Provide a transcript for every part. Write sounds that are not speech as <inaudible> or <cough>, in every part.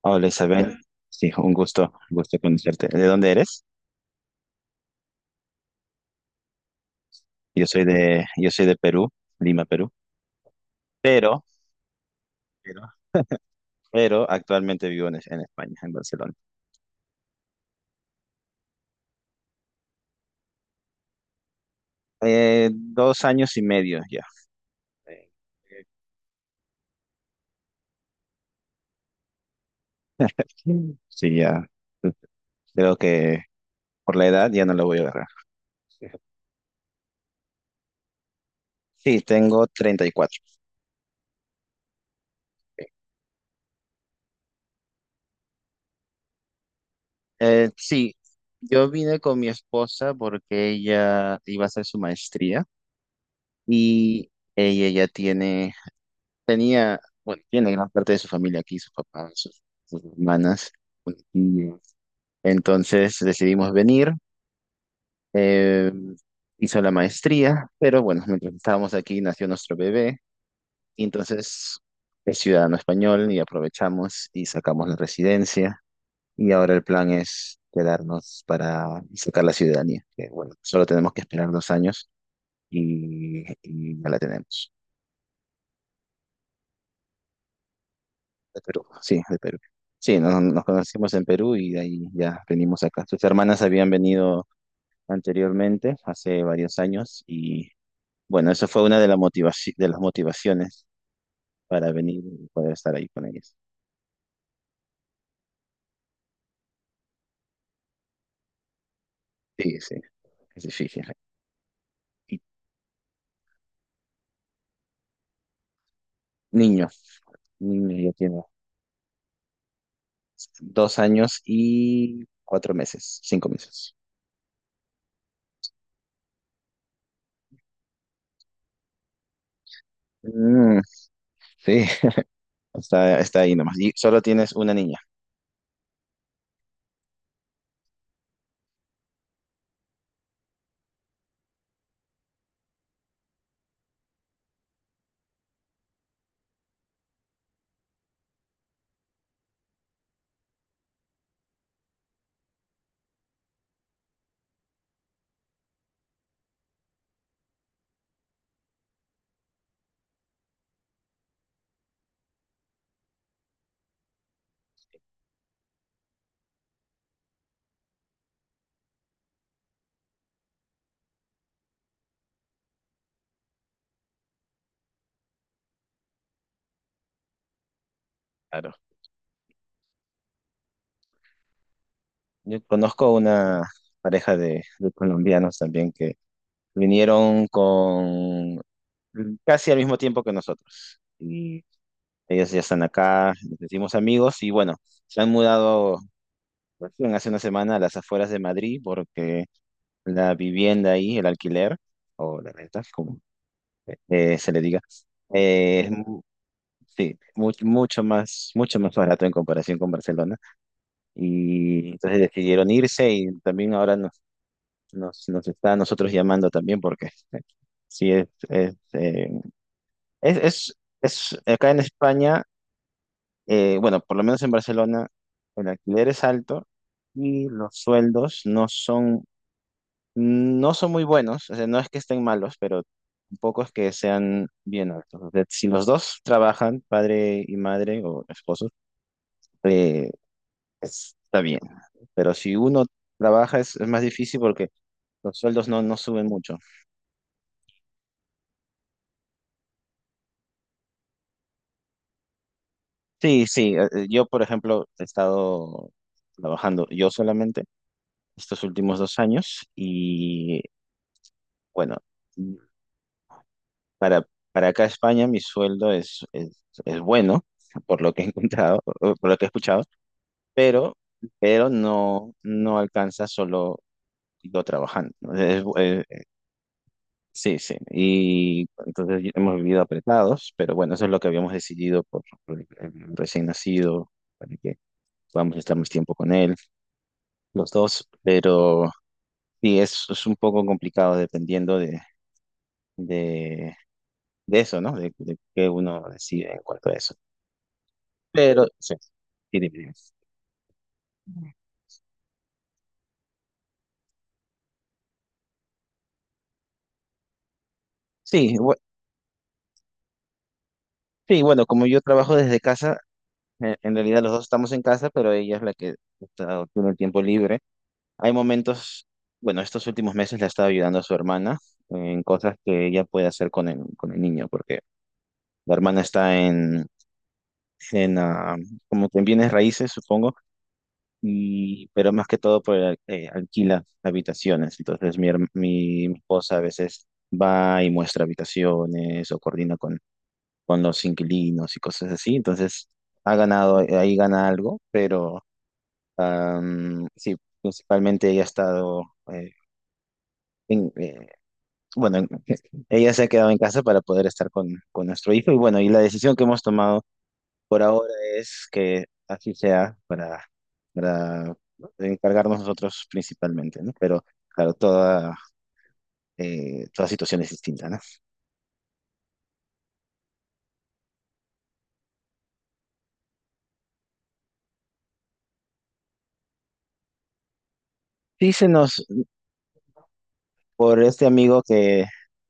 Hola Isabel, sí, un gusto conocerte. ¿De dónde eres? Yo soy de Perú, Lima, Perú, pero, pero, pero actualmente vivo en España, en Barcelona. 2 años y medio ya. Eh, eh, Sí, ya. Creo que por la edad ya no lo voy a agarrar. Sí, tengo 34. Sí, yo vine con mi esposa porque ella iba a hacer su maestría y ella tiene gran parte de su familia aquí, sus papás, sus hermanas, sus tías. Entonces decidimos venir, eh, hizo la maestría, pero bueno, mientras estábamos aquí nació nuestro bebé, y entonces es ciudadano español y aprovechamos y sacamos la residencia, y ahora el plan es quedarnos para sacar la ciudadanía, que bueno, solo tenemos que esperar 2 años y ya la tenemos. De Perú, sí, de Perú. Sí, nos conocimos en Perú y de ahí ya venimos acá. Sus hermanas habían venido anteriormente, hace varios años, y bueno, eso fue una de, la motivaci- de las motivaciones para venir y poder estar ahí con ellas. Sí, sí, es difícil. Y niño, niño ya tiene 2 años y 4 meses, 5 meses. Mm, sí, está ahí nomás. Y solo tienes una niña, claro. Yo conozco una pareja de colombianos también que Vinieron con casi al mismo tiempo que nosotros. Y ellos ya están acá, nos hicimos amigos y bueno, se han mudado recién hace una semana a las afueras de Madrid porque la vivienda ahí, el alquiler o la renta, como se le diga, eh, es mu- sí, mucho más barato en comparación con Barcelona. Y entonces decidieron irse y también ahora nos está a nosotros llamando también porque <laughs> sí, Es, es, es acá en España, bueno, por lo menos en Barcelona, el alquiler es alto y los sueldos no son muy buenos. O sea, no es que estén malos, pero tampoco es que sean bien altos. O sea, si los dos trabajan, padre y madre o esposos, eh, está bien. Pero si uno trabaja es más difícil porque los sueldos no suben mucho. Sí, sí. Yo, por ejemplo, he estado trabajando yo solamente estos últimos 2 años y bueno, para acá España mi sueldo es bueno, por lo que he encontrado, o por lo que he escuchado, pero, no, alcanza solo yo trabajando, ¿no? Sí, sí, y entonces hemos vivido apretados, pero bueno, eso es lo que habíamos decidido por el recién nacido, para que podamos estar más tiempo con él, los dos, pero sí, es un poco complicado dependiendo de de eso, ¿no? De qué uno decide en cuanto a eso. Pero sí, sí, dime, dime. Sí, bu- sí, bueno, como yo trabajo desde casa, en realidad los dos estamos en casa, pero ella es la que tiene el tiempo libre. Hay momentos, bueno, estos últimos meses le ha estado ayudando a su hermana en cosas que ella puede hacer con el, niño, porque la hermana está en, ah, como que en bienes raíces, supongo, y, pero más que todo alquila habitaciones. Entonces mi esposa a veces va y muestra habitaciones o coordina con los inquilinos y cosas así. Entonces ha ganado, ahí gana algo, pero sí, principalmente ella ha estado, eh, en- eh, bueno, en- <laughs> ella se ha quedado en casa para poder estar con nuestro hijo. Y bueno, y la decisión que hemos tomado por ahora es que así sea para, para encargarnos nosotros principalmente, ¿no? Pero claro, toda, toda situación es distinta, ¿no? Sí, se nos por este amigo que,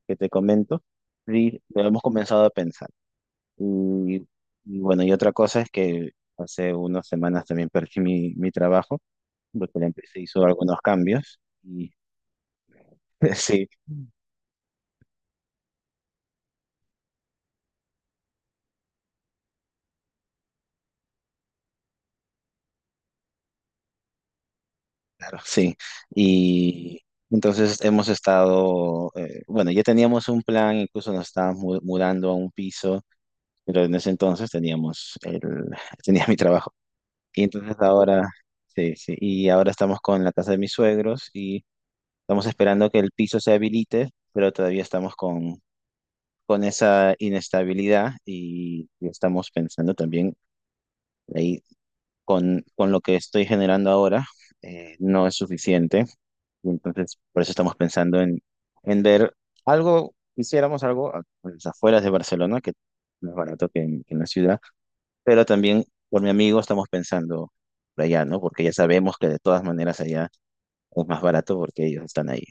te comento, sí, lo hemos comenzado a pensar. Y, y bueno, y otra cosa es que hace unas semanas también perdí mi, trabajo, porque la empresa hizo algunos cambios y <laughs> sí, claro, sí. Y entonces hemos estado, bueno, ya teníamos un plan, incluso nos estábamos mudando a un piso, pero en ese entonces <laughs> tenía mi trabajo. Y entonces ahora, sí, sí, y ahora estamos con la casa de mis suegros y estamos esperando que el piso se habilite, pero todavía estamos con esa inestabilidad y estamos pensando también ahí con lo que estoy generando ahora, no es suficiente. Y entonces, por eso estamos pensando en ver algo, hiciéramos algo a las afueras de Barcelona, que no es más barato que en, la ciudad, pero también por mi amigo estamos pensando por allá, ¿no? Porque ya sabemos que de todas maneras allá es más barato porque ellos están ahí.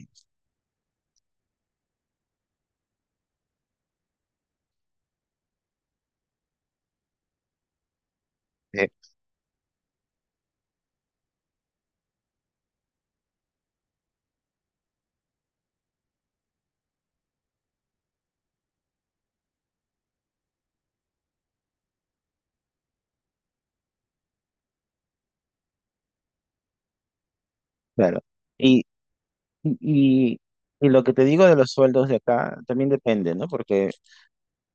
Sí. Claro. Y, y, y y lo que te digo de los sueldos de acá también depende, ¿no? Porque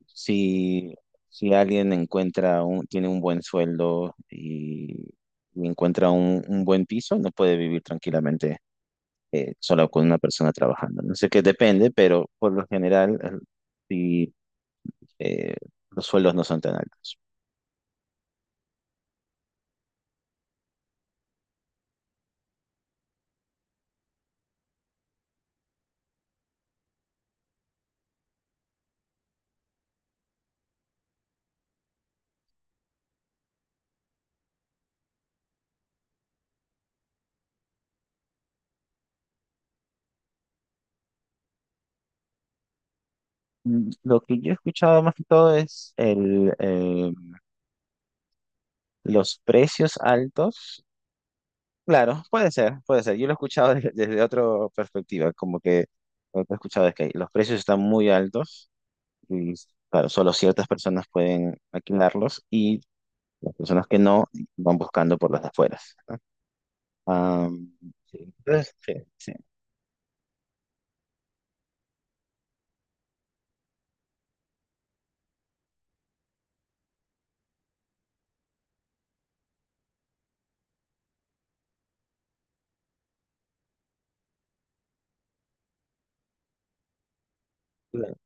si, si alguien tiene un buen sueldo y encuentra un buen piso, no puede vivir tranquilamente solo con una persona trabajando. No sé qué depende, pero por lo general sí, eh, los sueldos no son tan altos. Mm, lo que yo he escuchado más que todo es los precios altos. Claro, puede ser, puede ser. Yo lo he escuchado <laughs> desde, otra perspectiva, como que lo que he escuchado es que los precios están muy altos y, claro, solo ciertas personas pueden alquilarlos y las personas que no van buscando por las afueras, ¿no? Am, sí, entonces, sí, sí, claro.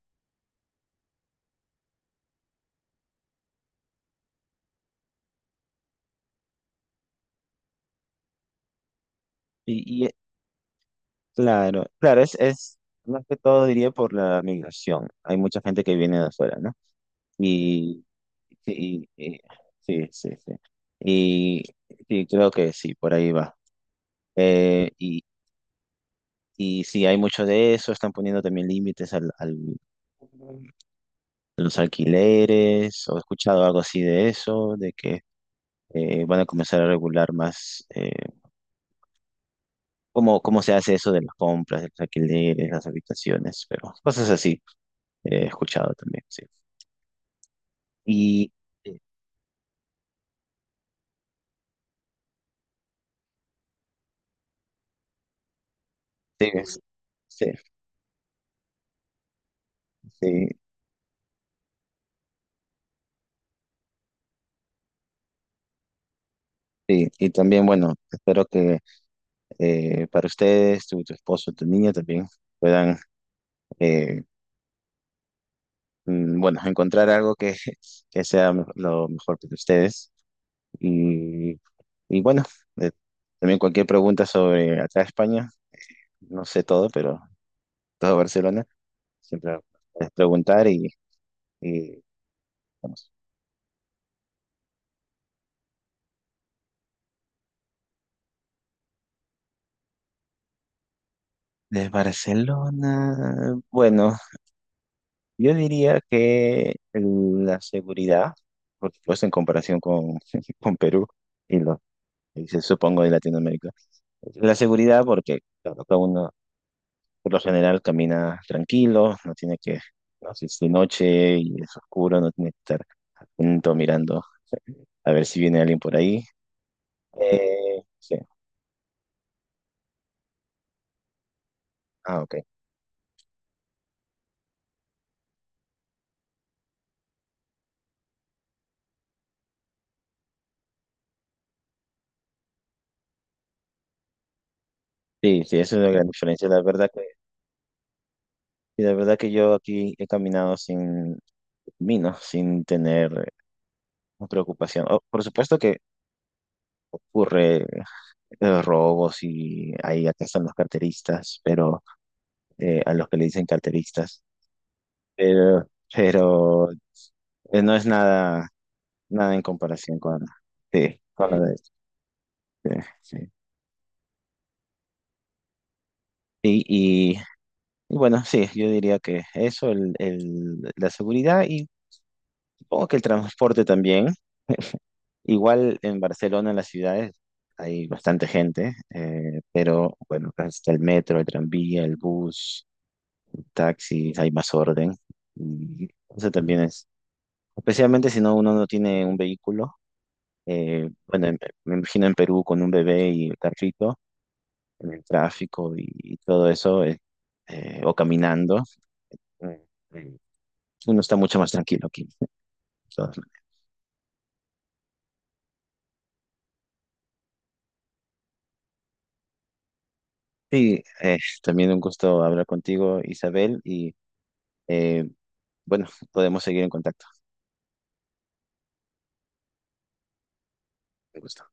Y, y, eh, claro, claro, es más que todo diría por la migración. Hay mucha gente que viene de afuera, ¿no? Y sí, sí, sí, sí. Y sí, creo que sí, por ahí va. Eh, y, y sí, hay mucho de eso, están poniendo también límites al, los alquileres, o he escuchado algo así de eso, de que van a comenzar a regular más cómo, se hace eso de las compras, de los alquileres, las habitaciones, pero cosas así he escuchado también, sí. Y eh, sí, sí, sí, sí. Y también, bueno, espero que para ustedes, tu, esposo, tu niña también puedan, eh, bueno, encontrar algo que, sea lo mejor para ustedes. Y, y bueno, eh, también cualquier pregunta sobre acá España, no sé todo, pero todo Barcelona, siempre puedes preguntar y vamos. De Barcelona, bueno, yo diría que la seguridad, por supuesto en comparación <laughs> con Perú y los países, supongo, de Latinoamérica, la seguridad porque claro, cada uno por lo general camina tranquilo, no tiene que, no, si es de noche y es oscuro, no tiene que estar atento mirando a ver si viene alguien por ahí. Sí, ah, ok. Sí, sí, esa es la gran diferencia. La verdad que yo aquí he caminado sin tener preocupación. Oh, por supuesto que ocurre robos y ahí acá están los carteristas, pero a los que le dicen carteristas, pero, pero no es nada nada en comparación sí, con la de sí, sí. Y, y, y bueno, sí, yo diría que eso, la seguridad y supongo que el transporte también. Igual en Barcelona, en las ciudades, hay bastante gente, pero bueno, está el metro, el tranvía, el bus, taxis, hay más orden. Y eso también es, especialmente si uno no tiene un vehículo. eh, bueno, me me imagino en Perú con un bebé y un carrito en el tráfico y todo eso, o caminando. eh, eh, Uno está mucho más tranquilo aquí. Entonces, sí, también un gusto hablar contigo, Isabel, y eh, bueno, podemos seguir en contacto. Un gusto.